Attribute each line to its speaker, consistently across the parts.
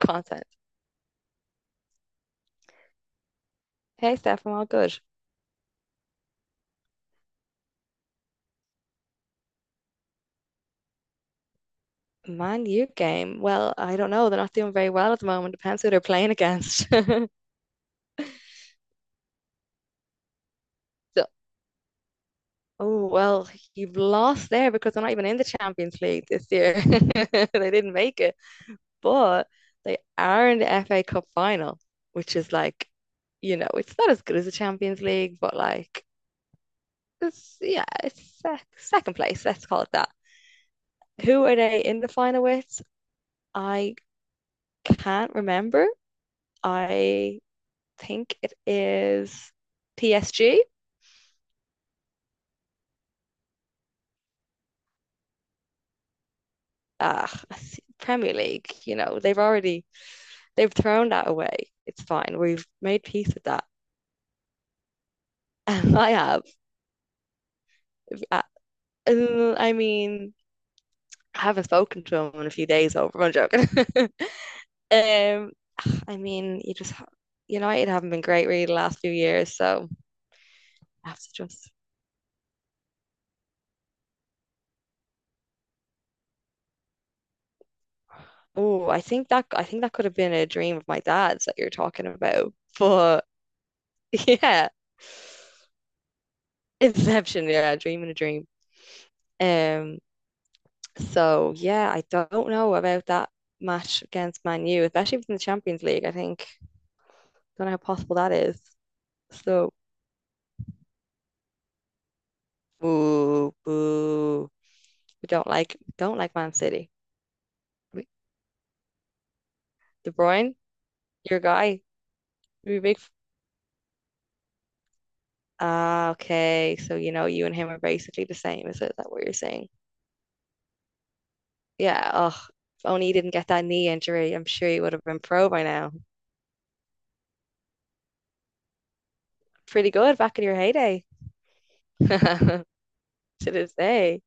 Speaker 1: Content. Hey Steph, I'm all good. Man U game. Well, I don't know. They're not doing very well at the moment. Depends who they're playing against. So, oh well, you've lost there because they're not even in the Champions League this year. They didn't make it, but they are in the FA Cup final, which is like, you know, it's not as good as the Champions League, but like, it's yeah, it's second place. Let's call it that. Who are they in the final with? I can't remember. I think it is PSG. Ah, Premier League, you know, they've thrown that away. It's fine. We've made peace with that. I have. I, I mean, I haven't spoken to him in a few days over. I'm joking. um, I mean, you just United haven't been great really the last few years, so I have to just. Oh, I think that could have been a dream of my dad's that you're talking about. But yeah. Inception, yeah, dream in a dream. Um, so yeah, I don't know about that match against Man U, especially within the Champions League. I think Don't know how possible that is. So boo, boo. We don't like Man City. We- De Bruyne, your guy, we big. Ah, okay. So you know you and him are basically the same. Is that what you're saying? Yeah. Oh, if only you didn't get that knee injury. I'm sure you would have been pro by now. Pretty good back in your heyday. To this day.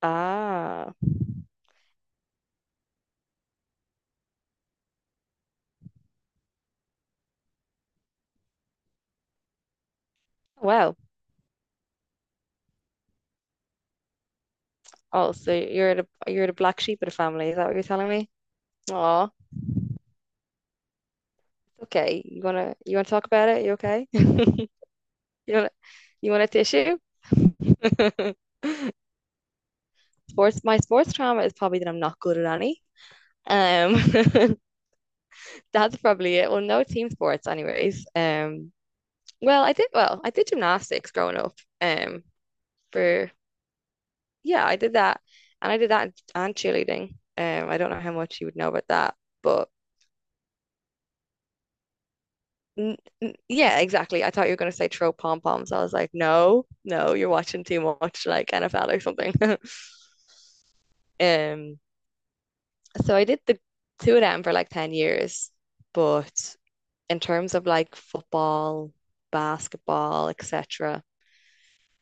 Speaker 1: Ah, well. Oh, so you're the black sheep of the family. Is that what you're telling me? Oh, okay. You wanna talk about it? You okay? You want you want a tissue? Sports. My sports trauma is probably that I'm not good at any. Um, that's probably it. Well, no team sports, anyways. Well. I did gymnastics growing up. Um, for Yeah, I did that, and I did that and cheerleading. I don't know how much you would know about that, but. N yeah, exactly. I thought you were going to say throw pom poms. I was like, no, no, you're watching too much like NFL or something. Um, so I did the two of them for like 10 years. But in terms of like football, basketball, etc.,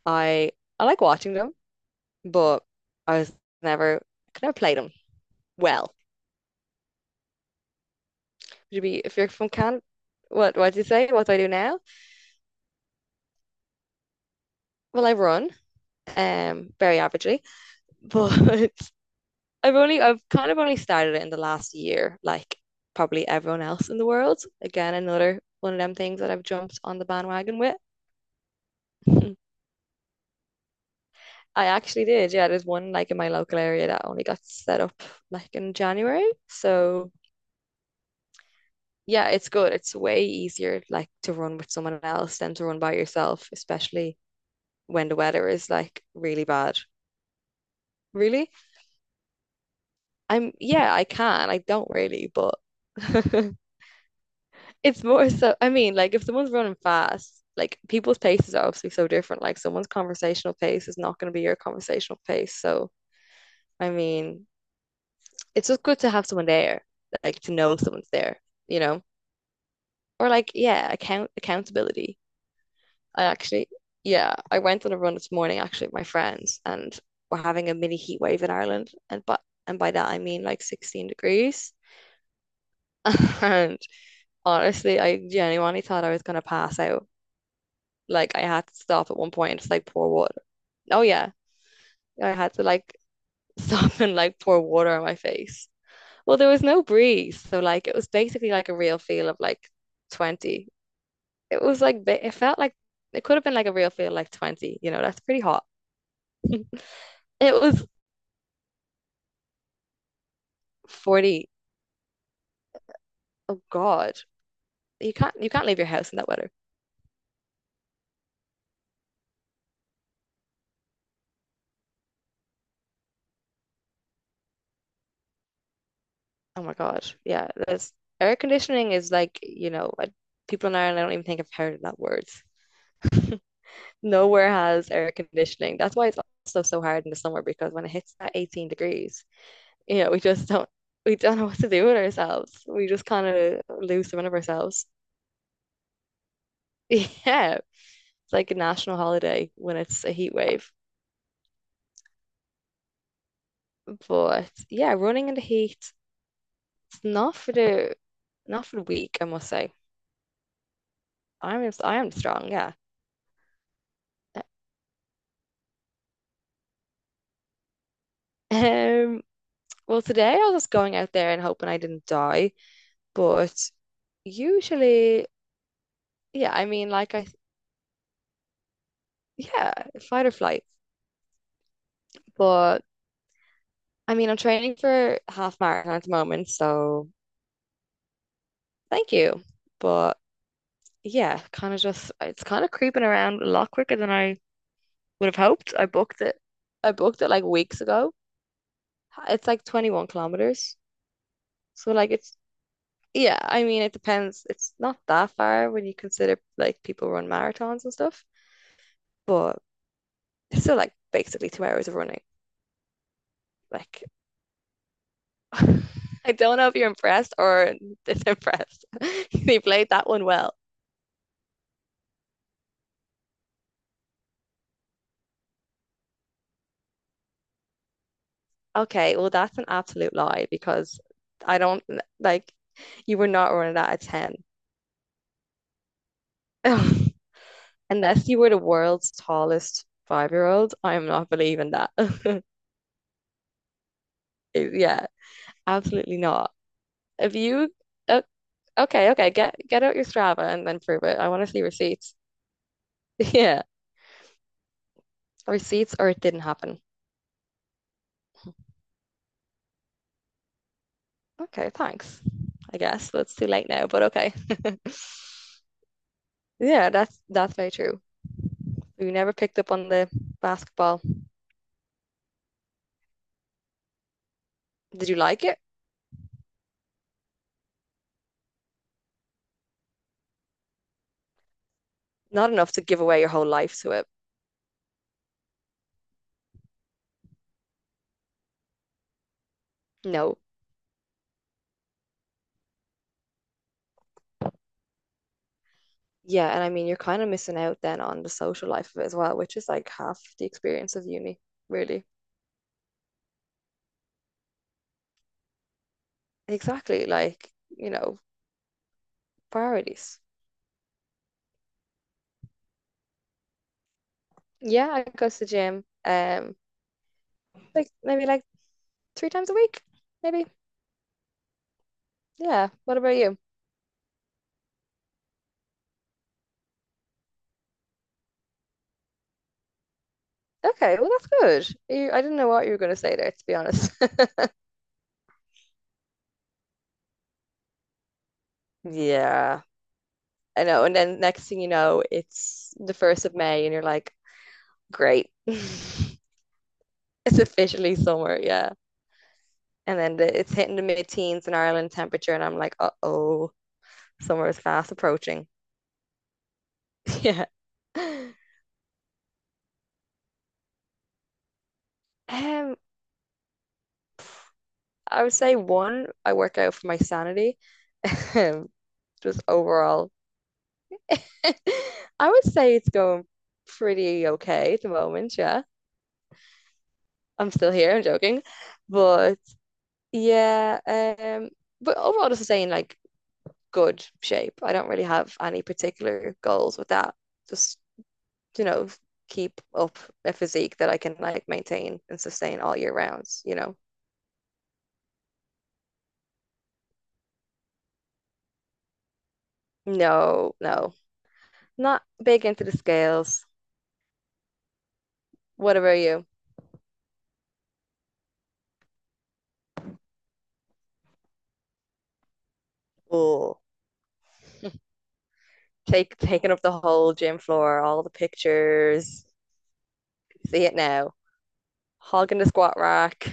Speaker 1: I I like watching them, but I was never could never play them well. Would be if you're from Canada, what do you say? What do I do now? Well, I run, very averagely, but I've kind of only started it in the last year, like probably everyone else in the world. Again, another one of them things that I've jumped on the bandwagon with. I actually did, yeah. There's one like in my local area that only got set up like in January. So yeah, it's good. It's way easier like to run with someone else than to run by yourself, especially when the weather is like really bad. Really? I'm Yeah, I can. I don't really, but It's more so, I mean, like if someone's running fast, like people's paces are obviously so different. Like someone's conversational pace is not going to be your conversational pace. So, I mean, it's just good to have someone there, like to know someone's there, you know? Or like, yeah, accountability. I actually, yeah, I went on a run this morning actually with my friends and we're having a mini heat wave in Ireland. And by that I mean like 16 degrees. And honestly, I genuinely thought I was gonna pass out. Like I had to stop at one point and just like pour water. Oh yeah, I had to like stop and like pour water on my face. Well, there was no breeze, so like it was basically like a real feel of like 20. It felt like it could have been like a real feel like 20, you know, that's pretty hot. It was 40. Oh God. You can't leave your house in that weather. Oh my God. Yeah, there's air conditioning is like, you know, people in Ireland I don't even think I've heard of that word. Nowhere has air conditioning. That's why it's also so hard in the summer because when it hits that 18 degrees, you know, we don't know what to do with ourselves. We just kind of lose the run of ourselves. Yeah. It's like a national holiday when it's a heat wave. But yeah, running in the heat, it's not for the weak, I must say. I am strong, yeah. Um, well, today I was just going out there and hoping I didn't die, but usually, yeah, I mean, like I yeah, fight or flight. But I mean, I'm training for half marathon at the moment, so thank you. But yeah, kind of just it's kind of creeping around a lot quicker than I would have hoped. I booked it like weeks ago. It's like 21 kilometers. So like it's yeah, I mean it depends. It's not that far when you consider like people run marathons and stuff, but it's still like basically 2 hours of running. Like I don't know if you're impressed or disimpressed. You played that one well. Okay, well, that's an absolute lie because I don't like you were not running that at 10. Unless you were the world's tallest five-year-old, I am not believing that. Yeah, absolutely not. If you, uh, okay, okay, get out your Strava and then prove it. I want to see receipts. Yeah, receipts or it didn't happen. Okay, thanks. I guess that's too late now, but okay. Yeah, that's very true. You never picked up on the basketball. Did you like it? Not enough to give away your whole life to it. No. Yeah, and I mean you're kind of missing out then on the social life of it as well, which is like half the experience of uni, really. Exactly, like, you know, priorities. Yeah, I go to the gym, like maybe like three times a week, maybe. Yeah. What about you? Okay, well that's good. I didn't know what you were going to say there, to be honest. Yeah. I know. And then next thing you know, it's the first of May, and you're like, great, it's officially summer. Yeah. And then it's hitting the mid-teens in Ireland temperature, and I'm like, uh-oh, summer is fast approaching. Yeah. Um, I would say one, I work out for my sanity. Just overall, I would say it's going pretty okay at the moment. Yeah, I'm still here. I'm joking, but yeah. But overall, just saying like good shape. I don't really have any particular goals with that. Just, you know, keep up a physique that I can like maintain and sustain all year rounds, you know. No, no. Not big into the scales. What about you? Oh, take taking up the whole gym floor, all the pictures. See it now. Hogging the squat rack.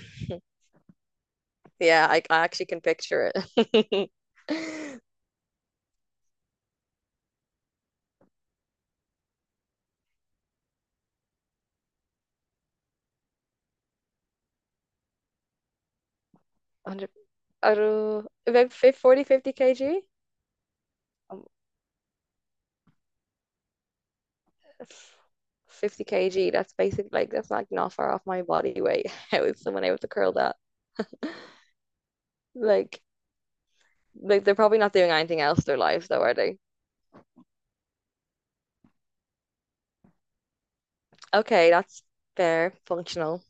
Speaker 1: Yeah, I actually can picture it. 100, I don't know, about 50, 40, kg. 50 kg. That's basically like that's like not far off my body weight. How is someone able to curl that? Like, like, they're probably not doing anything else in their lives though, are they? Okay, that's fair, functional.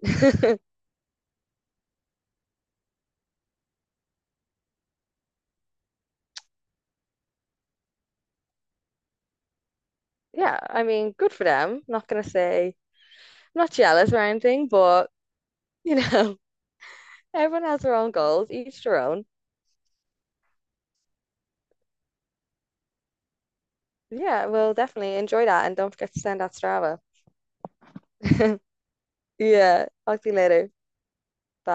Speaker 1: Yeah, I mean, good for them. Not gonna say I'm not jealous or anything, but you know, everyone has their own goals, each their own. Yeah, well, definitely enjoy that and don't forget to send that Strava. Yeah, talk to you later. Bye.